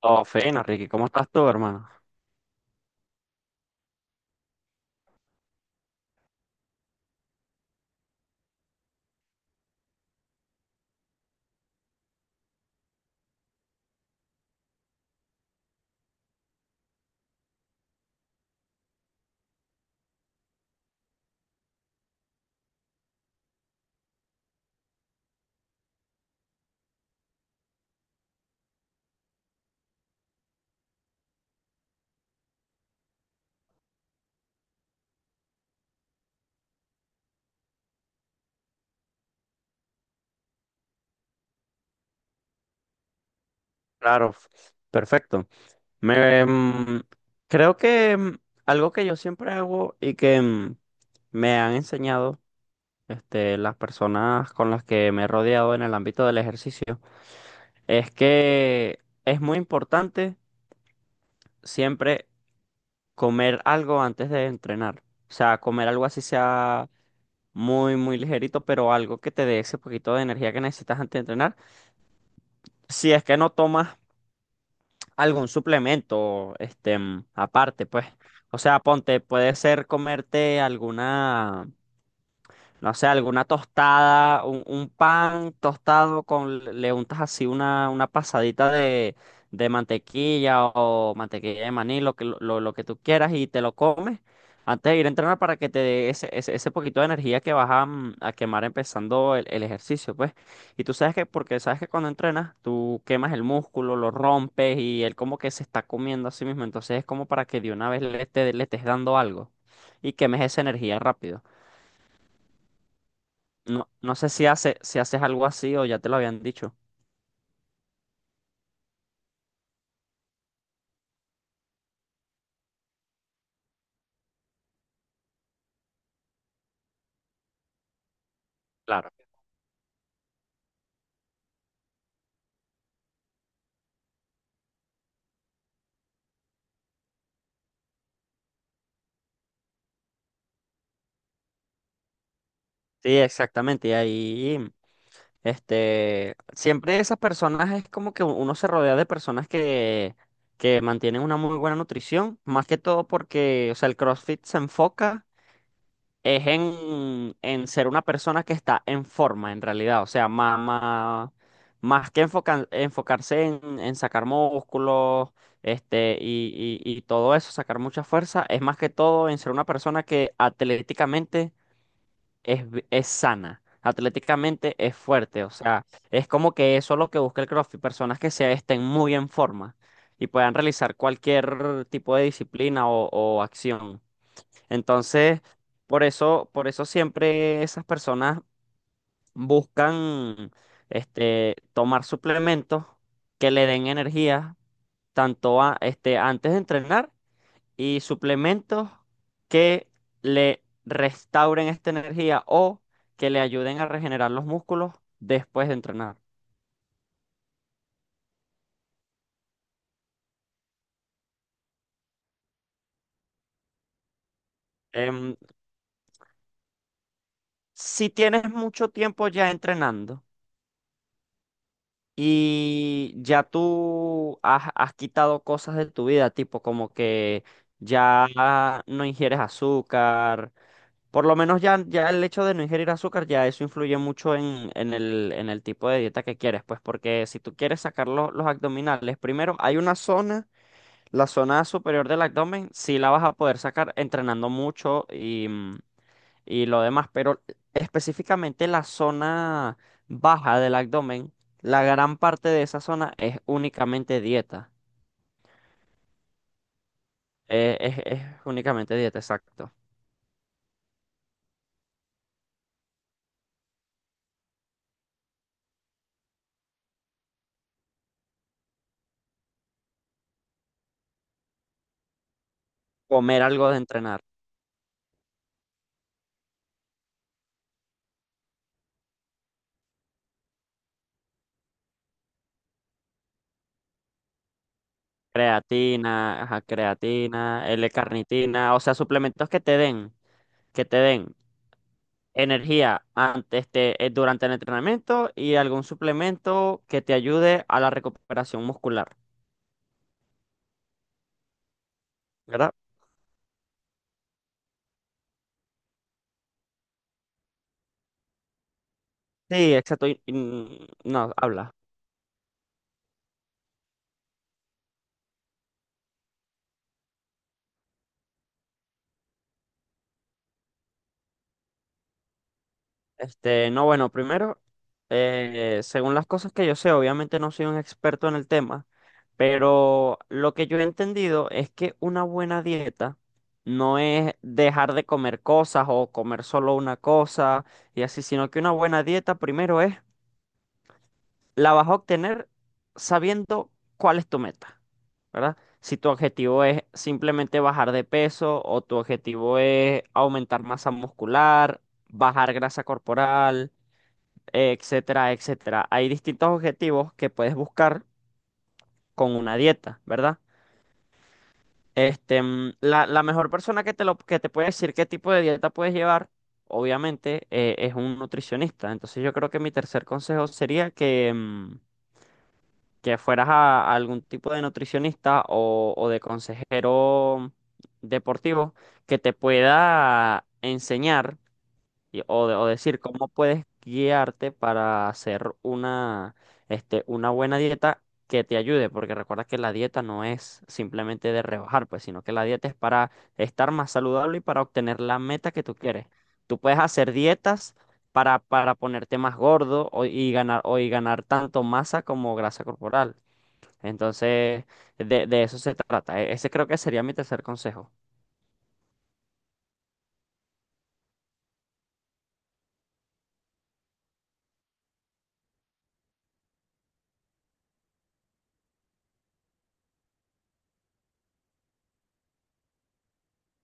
Oh, fena, Ricky, ¿cómo estás tú, hermano? Claro, perfecto. Me, mm, creo que algo que yo siempre hago y que me han enseñado este, las personas con las que me he rodeado en el ámbito del ejercicio es que es muy importante siempre comer algo antes de entrenar. O sea, comer algo así sea muy, muy ligerito, pero algo que te dé ese poquito de energía que necesitas antes de entrenar. Si es que no tomas algún suplemento, este, aparte, pues. O sea, ponte, puede ser comerte alguna no sé, alguna tostada, un pan tostado con, le untas así una pasadita de mantequilla o mantequilla de maní, lo que tú quieras y te lo comes antes de ir a entrenar para que te dé ese poquito de energía que vas a, a quemar empezando el ejercicio, pues. Y tú sabes que, porque sabes que cuando entrenas, tú quemas el músculo, lo rompes y él como que se está comiendo a sí mismo, entonces es como para que de una vez le estés dando algo y quemes esa energía rápido. No, no sé si hace, si haces algo así o ya te lo habían dicho. Claro. Sí, exactamente. Y ahí, este, siempre esas personas es como que uno se rodea de personas que mantienen una muy buena nutrición, más que todo porque, o sea, el CrossFit se enfoca. Es en ser una persona que está en forma, en realidad. O sea, más que enfocarse en sacar músculos, este, y todo eso, sacar mucha fuerza, es más que todo en ser una persona que atléticamente es sana. Atléticamente es fuerte, o sea, es como que eso es lo que busca el CrossFit, personas que se estén muy en forma y puedan realizar cualquier tipo de disciplina o acción. Entonces, por eso siempre esas personas buscan este, tomar suplementos que le den energía, tanto este, antes de entrenar, y suplementos que le restauren esta energía o que le ayuden a regenerar los músculos después de entrenar. Em, si tienes mucho tiempo ya entrenando, y ya has quitado cosas de tu vida, tipo como que ya no ingieres azúcar. Por lo menos ya el hecho de no ingerir azúcar, ya eso influye mucho en, en el tipo de dieta que quieres. Pues porque si tú quieres sacar los abdominales, primero hay una zona, la zona superior del abdomen, sí la vas a poder sacar entrenando mucho y lo demás, pero específicamente la zona baja del abdomen, la gran parte de esa zona es únicamente dieta. Es únicamente dieta, exacto. Comer algo de entrenar. Creatina, ajá, creatina, L-carnitina, o sea, suplementos que te den energía antes, este, durante el entrenamiento y algún suplemento que te ayude a la recuperación muscular, ¿verdad? Sí, exacto. No, habla. Este, no, bueno, primero, según las cosas que yo sé, obviamente no soy un experto en el tema, pero lo que yo he entendido es que una buena dieta no es dejar de comer cosas o comer solo una cosa y así, sino que una buena dieta primero es, la vas a obtener sabiendo cuál es tu meta, ¿verdad? Si tu objetivo es simplemente bajar de peso o tu objetivo es aumentar masa muscular, bajar grasa corporal, etcétera, etcétera. Hay distintos objetivos que puedes buscar con una dieta, ¿verdad? Este, mm, la mejor persona que que te puede decir qué tipo de dieta puedes llevar, obviamente, es un nutricionista. Entonces yo creo que mi tercer consejo sería que, mm, que fueras a algún tipo de nutricionista o de consejero deportivo que te pueda enseñar, o, o decir cómo puedes guiarte para hacer una, este, una buena dieta que te ayude, porque recuerda que la dieta no es simplemente de rebajar, pues, sino que la dieta es para estar más saludable y para obtener la meta que tú quieres. Tú puedes hacer dietas para ponerte más gordo y ganar, o y ganar tanto masa como grasa corporal. Entonces, de eso se trata. Ese creo que sería mi tercer consejo.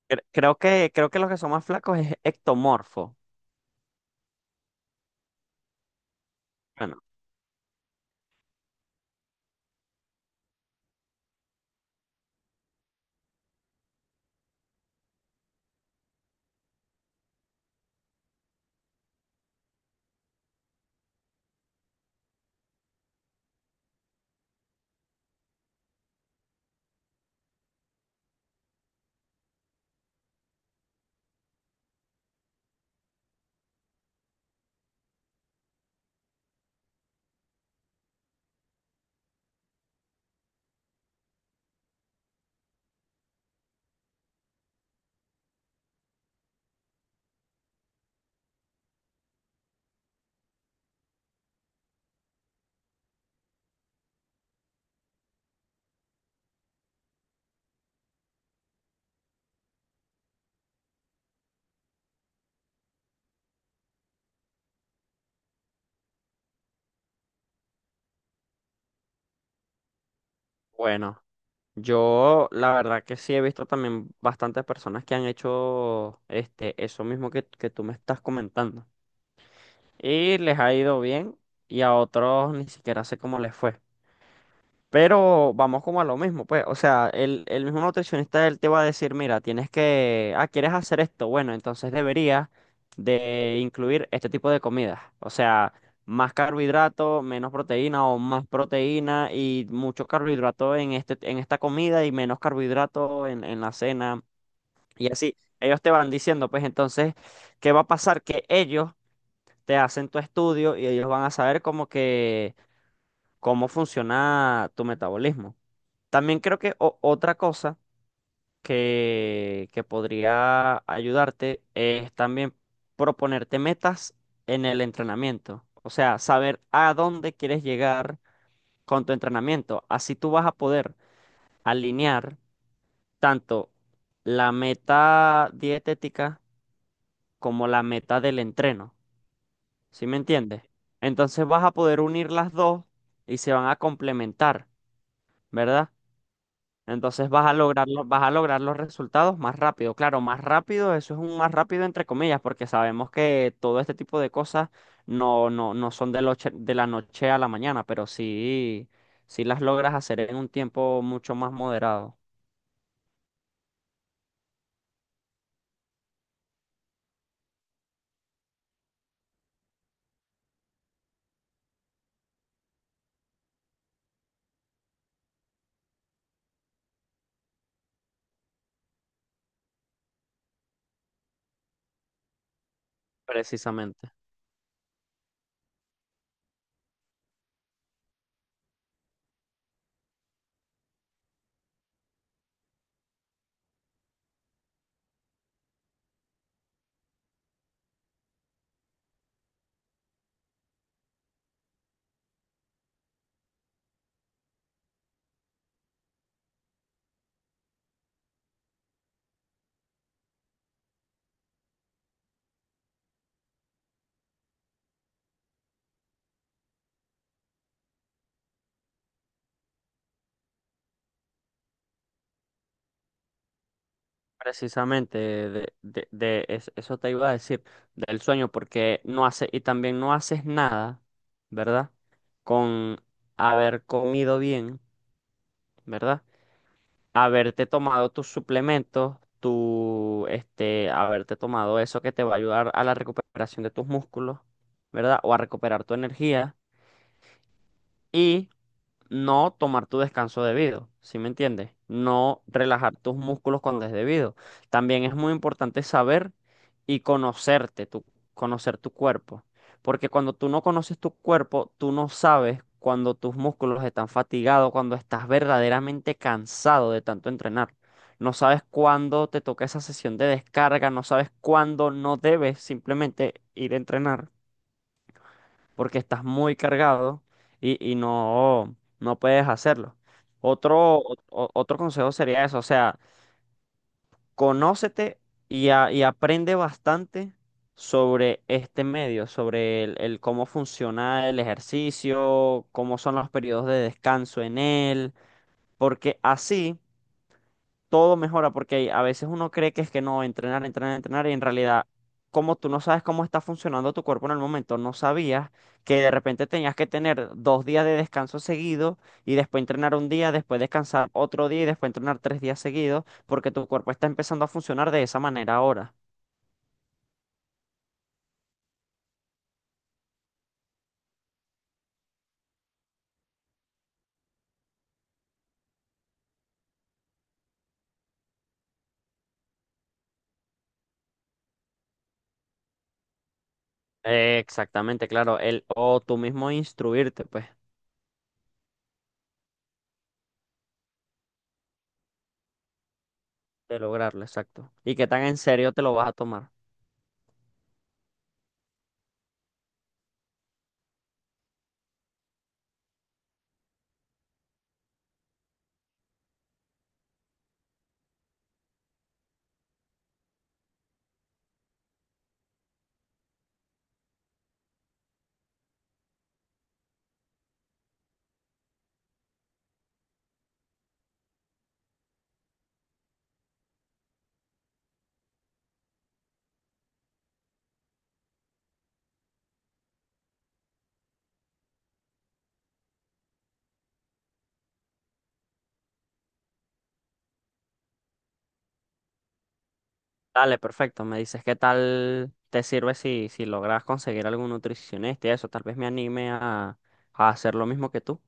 Creo que los que son más flacos es ectomorfo. Bueno, bueno. Yo, la verdad que sí he visto también bastantes personas que han hecho este, eso mismo que tú me estás comentando. Y les ha ido bien y a otros ni siquiera sé cómo les fue. Pero vamos como a lo mismo, pues, o sea, el mismo nutricionista él te va a decir, mira, tienes que, ah, ¿quieres hacer esto? Bueno, entonces deberías de incluir este tipo de comidas, o sea, más carbohidrato, menos proteína o más proteína y mucho carbohidrato en este, en esta comida y menos carbohidrato en la cena y así. Ellos te van diciendo, pues, entonces, ¿qué va a pasar? Que ellos te hacen tu estudio y ellos van a saber como que cómo funciona tu metabolismo. También creo que otra cosa que podría ayudarte es también proponerte metas en el entrenamiento. O sea, saber a dónde quieres llegar con tu entrenamiento. Así tú vas a poder alinear tanto la meta dietética como la meta del entreno. ¿Sí me entiendes? Entonces vas a poder unir las dos y se van a complementar, ¿verdad? Entonces vas a lograr, vas a lograr los resultados más rápido. Claro, más rápido, eso es un más rápido entre comillas, porque sabemos que todo este tipo de cosas no son de, de la noche a la mañana, pero sí, sí las logras hacer en un tiempo mucho más moderado. Precisamente, precisamente, de, eso te iba a decir, del sueño, porque no hace, y también no haces nada, ¿verdad? Con haber comido bien, ¿verdad? Haberte tomado tus suplementos, tu, este, haberte tomado eso que te va a ayudar a la recuperación de tus músculos, ¿verdad? O a recuperar tu energía. Y no tomar tu descanso debido, ¿sí me entiendes? No relajar tus músculos cuando es debido. También es muy importante saber y conocerte, conocer tu cuerpo, porque cuando tú no conoces tu cuerpo, tú no sabes cuando tus músculos están fatigados, cuando estás verdaderamente cansado de tanto entrenar. No sabes cuándo te toca esa sesión de descarga, no sabes cuándo no debes simplemente ir a entrenar porque estás muy cargado y no, no puedes hacerlo. Otro, otro consejo sería eso, o sea, conócete y aprende bastante sobre este medio, sobre el cómo funciona el ejercicio, cómo son los periodos de descanso en él, porque así todo mejora porque a veces uno cree que es que no, entrenar, entrenar, entrenar y en realidad, como tú no sabes cómo está funcionando tu cuerpo en el momento, no sabías que de repente tenías que tener 2 días de descanso seguido y después entrenar un día, después descansar otro día y después entrenar 3 días seguidos porque tu cuerpo está empezando a funcionar de esa manera ahora. Exactamente, claro, el o tú mismo instruirte, pues, de lograrlo, exacto. Y qué tan en serio te lo vas a tomar. Dale, perfecto. Me dices qué tal te sirve si, si logras conseguir algún nutricionista y eso. Tal vez me anime a hacer lo mismo que tú.